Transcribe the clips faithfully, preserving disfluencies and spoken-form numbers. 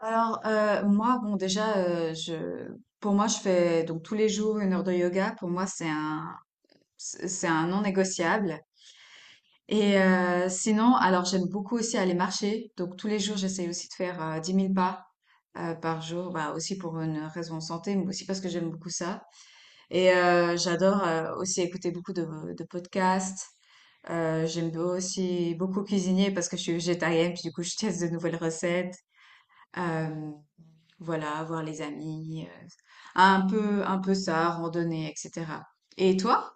Alors, euh, moi, bon, déjà, euh, je, pour moi, je fais donc tous les jours une heure de yoga. Pour moi, c'est un, c'est c'est un non négociable. Et euh, sinon, alors, j'aime beaucoup aussi aller marcher. Donc, tous les jours, j'essaye aussi de faire euh, dix mille pas euh, par jour. Bah, aussi pour une raison de santé, mais aussi parce que j'aime beaucoup ça. Et euh, j'adore euh, aussi écouter beaucoup de, de podcasts. Euh, j'aime aussi beaucoup cuisiner parce que je suis végétarienne, puis du coup, je teste de nouvelles recettes. Euh, voilà, voir les amis, euh, un peu, un peu ça, randonnée, et cetera. Et toi?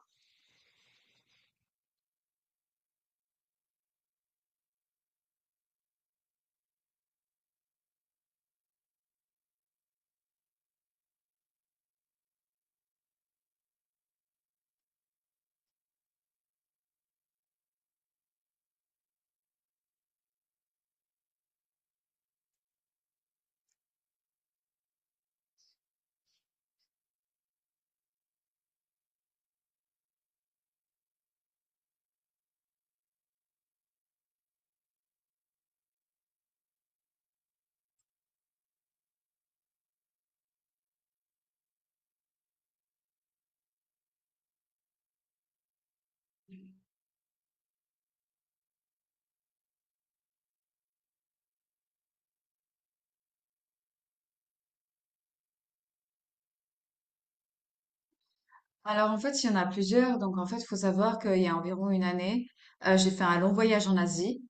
Alors en fait, il y en a plusieurs. Donc en fait, il faut savoir qu'il y a environ une année, euh, j'ai fait un long voyage en Asie.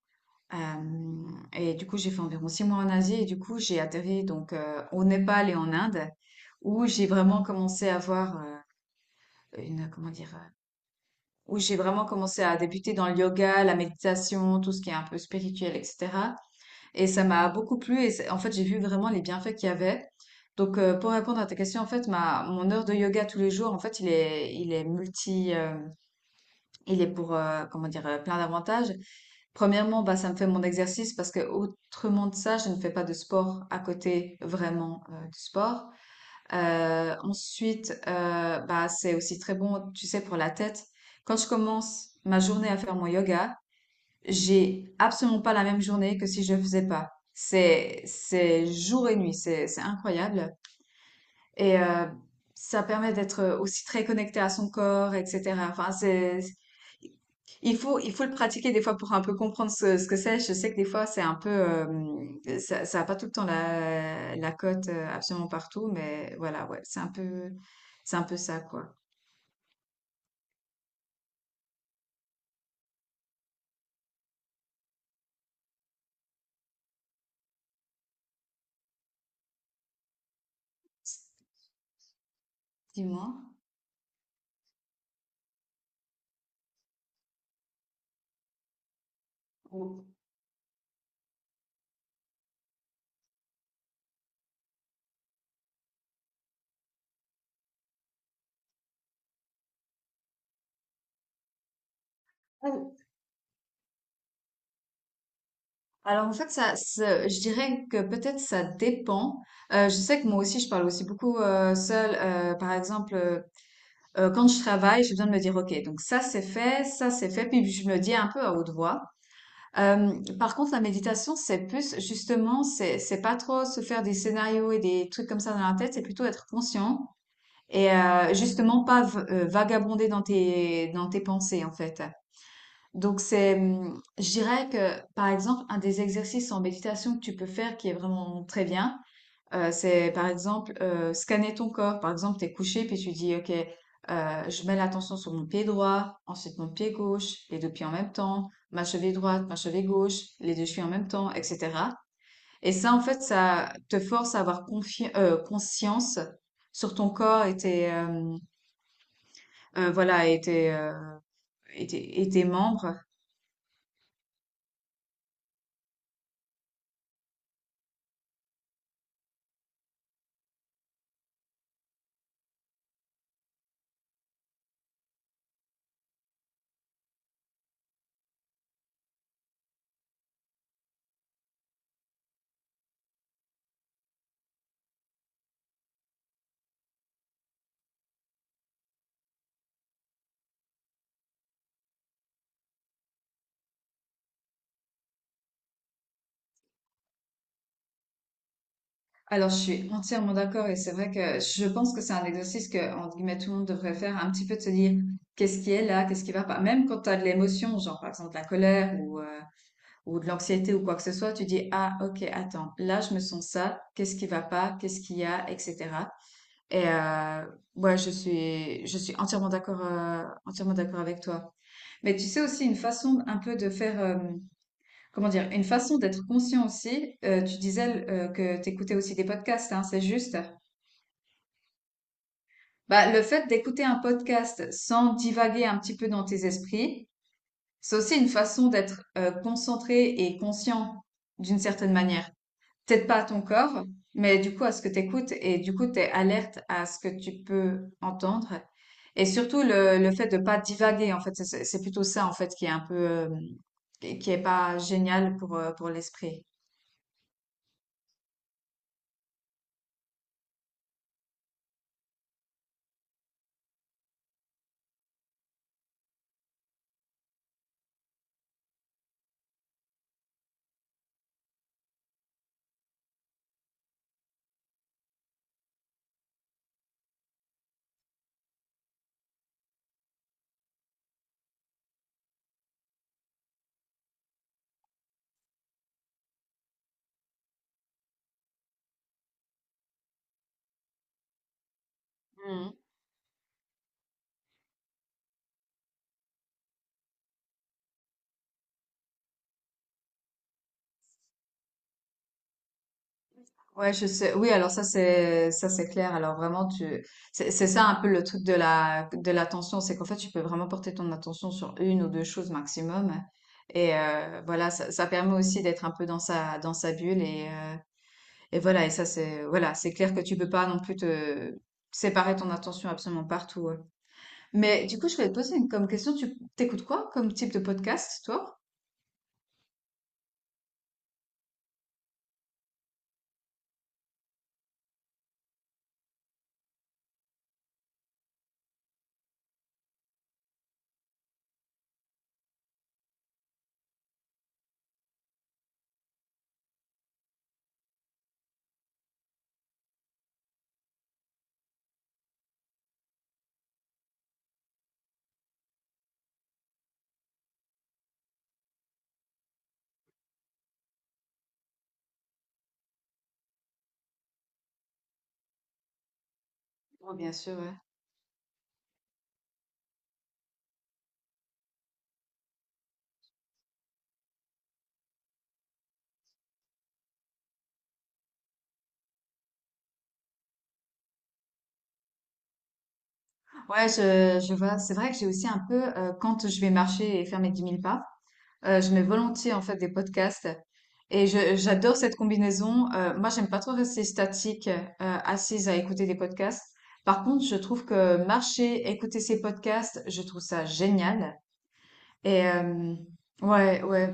Euh, et du coup, j'ai fait environ six mois en Asie. Et du coup, j'ai atterri donc euh, au Népal et en Inde, où j'ai vraiment commencé à voir euh, une, comment dire, euh, où j'ai vraiment commencé à débuter dans le yoga, la méditation, tout ce qui est un peu spirituel, et cetera. Et ça m'a beaucoup plu et c'est, en fait, j'ai vu vraiment les bienfaits qu'il y avait. Donc, euh, pour répondre à ta question, en fait, ma, mon heure de yoga tous les jours, en fait, il est, il est multi, euh, il est pour, euh, comment dire, euh, plein d'avantages. Premièrement, bah, ça me fait mon exercice parce que autrement de ça, je ne fais pas de sport à côté vraiment euh, du sport. Euh, ensuite, euh, bah, c'est aussi très bon, tu sais, pour la tête. Quand je commence ma journée à faire mon yoga, j'ai absolument pas la même journée que si je le faisais pas. C'est, c'est jour et nuit, c'est, c'est incroyable. Et euh, ça permet d'être aussi très connecté à son corps, et cetera. Enfin, c'est, il faut, il faut le pratiquer des fois pour un peu comprendre ce, ce que c'est. Je sais que des fois, c'est un peu, euh, ça, ça a pas tout le temps la, la cote euh, absolument partout, mais voilà, ouais, c'est un peu, c'est un peu ça, quoi. Dis-moi. Bon. Alors en fait, ça, ça- je dirais que peut-être ça dépend. Euh, je sais que moi aussi, je parle aussi beaucoup euh, seule. Euh, par exemple, euh, euh, quand je travaille, j'ai besoin de me dire, OK, donc ça c'est fait, ça c'est fait, puis je me le dis un peu à haute voix. Euh, par contre, la méditation, c'est plus justement, c'est c'est pas trop se faire des scénarios et des trucs comme ça dans la tête, c'est plutôt être conscient et euh, justement pas v- euh, vagabonder dans tes dans tes pensées en fait. Donc c'est, hum, je dirais que par exemple, un des exercices en méditation que tu peux faire qui est vraiment très bien, euh, c'est par exemple euh, scanner ton corps. Par exemple, t'es couché puis tu dis, ok, euh, je mets l'attention sur mon pied droit, ensuite mon pied gauche, les deux pieds en même temps, ma cheville droite, ma cheville gauche, les deux chevilles en même temps, et cetera. Et ça, en fait, ça te force à avoir confi- euh, conscience sur ton corps et tes, euh, euh, voilà, et tes, euh, et tes et tes membres. Alors, je suis entièrement d'accord et c'est vrai que je pense que c'est un exercice que, entre guillemets, tout le monde devrait faire, un petit peu de se dire qu'est-ce qui est là, qu'est-ce qui va pas. Même quand tu as de l'émotion, genre par exemple la colère ou, euh, ou de l'anxiété ou quoi que ce soit, tu dis, ah, ok, attends, là, je me sens ça, qu'est-ce qui va pas, qu'est-ce qu'il y a, et cetera. Et euh, ouais, je suis, je suis entièrement d'accord, euh, entièrement d'accord avec toi. Mais tu sais aussi une façon un peu de faire, euh, comment dire, une façon d'être conscient aussi. euh, tu disais euh, que t'écoutais aussi des podcasts, hein, c'est juste. Bah, le fait d'écouter un podcast sans divaguer un petit peu dans tes esprits, c'est aussi une façon d'être euh, concentré et conscient d'une certaine manière. Peut-être pas à ton corps, mais du coup à ce que tu écoutes et du coup tu es alerte à ce que tu peux entendre. Et surtout le, le fait de pas divaguer, en fait, c'est c'est- c'est plutôt ça en fait qui est un peu euh, qui qui est pas génial pour euh, pour l'esprit. Mhm. Ouais, je sais. Oui, alors ça c'est ça c'est clair. Alors vraiment tu c'est c'est ça un peu le truc de la de l'attention, c'est qu'en fait tu peux vraiment porter ton attention sur une ou deux choses maximum. Et euh, voilà, ça, ça permet aussi d'être un peu dans sa dans sa bulle et euh, et voilà, et ça c'est voilà, c'est clair que tu peux pas non plus te séparer ton attention absolument partout, hein. Mais du coup, je voulais te poser une, comme question, tu t'écoutes quoi comme type de podcast, toi? Oh, bien sûr, ouais. Ouais, je, je vois. C'est vrai que j'ai aussi un peu, euh, quand je vais marcher et faire mes dix mille pas, Euh, je mets volontiers en fait des podcasts et je- j'adore cette combinaison. Euh, moi, j'aime pas trop rester statique, euh, assise à écouter des podcasts. Par contre, je trouve que marcher, écouter ces podcasts, je trouve ça génial. Et euh, ouais, ouais.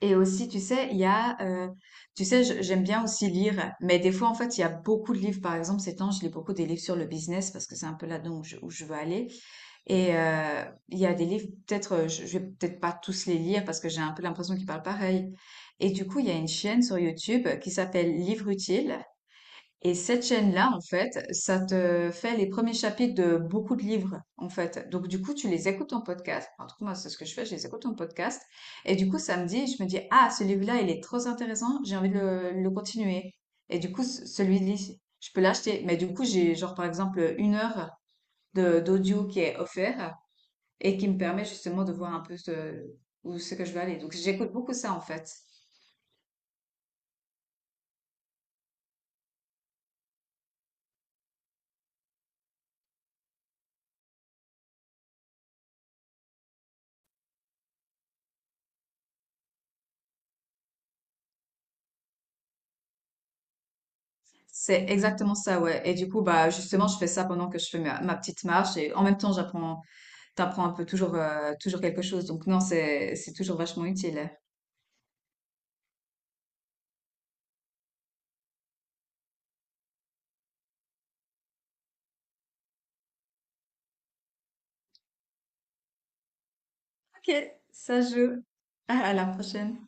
Et aussi, tu sais, il y a, euh, tu sais, je- j'aime bien aussi lire, mais des fois, en fait, il y a beaucoup de livres. Par exemple, ces temps, je lis beaucoup des livres sur le business parce que c'est un peu là-dedans où je, où je veux aller. Et euh, il y a des livres, peut-être, euh, je, je vais peut-être pas tous les lire parce que j'ai un peu l'impression qu'ils parlent pareil. Et du coup, il y a une chaîne sur YouTube qui s'appelle Livre Utile. Et cette chaîne-là, en fait, ça te fait les premiers chapitres de beaucoup de livres, en fait. Donc, du coup, tu les écoutes en podcast. Enfin, en tout cas, moi, c'est ce que je fais, je les écoute en podcast. Et du coup, ça me dit, je me dis, ah, ce livre-là, il est trop intéressant, j'ai envie de le, le continuer. Et du coup, ce- celui-là, je peux l'acheter. Mais du coup, j'ai, genre, par exemple, une heure de, d'audio qui est offert et qui me permet justement de voir un peu ce- où c'est que je veux aller. Donc, j'écoute beaucoup ça, en fait. C'est exactement ça, ouais. Et du coup, bah, justement, je fais ça pendant que je fais ma, ma petite marche et en même temps, j'apprends, t'apprends un peu toujours, euh, toujours quelque chose. Donc, non, c'est, c'est toujours vachement utile. Ok, ça joue. À la prochaine.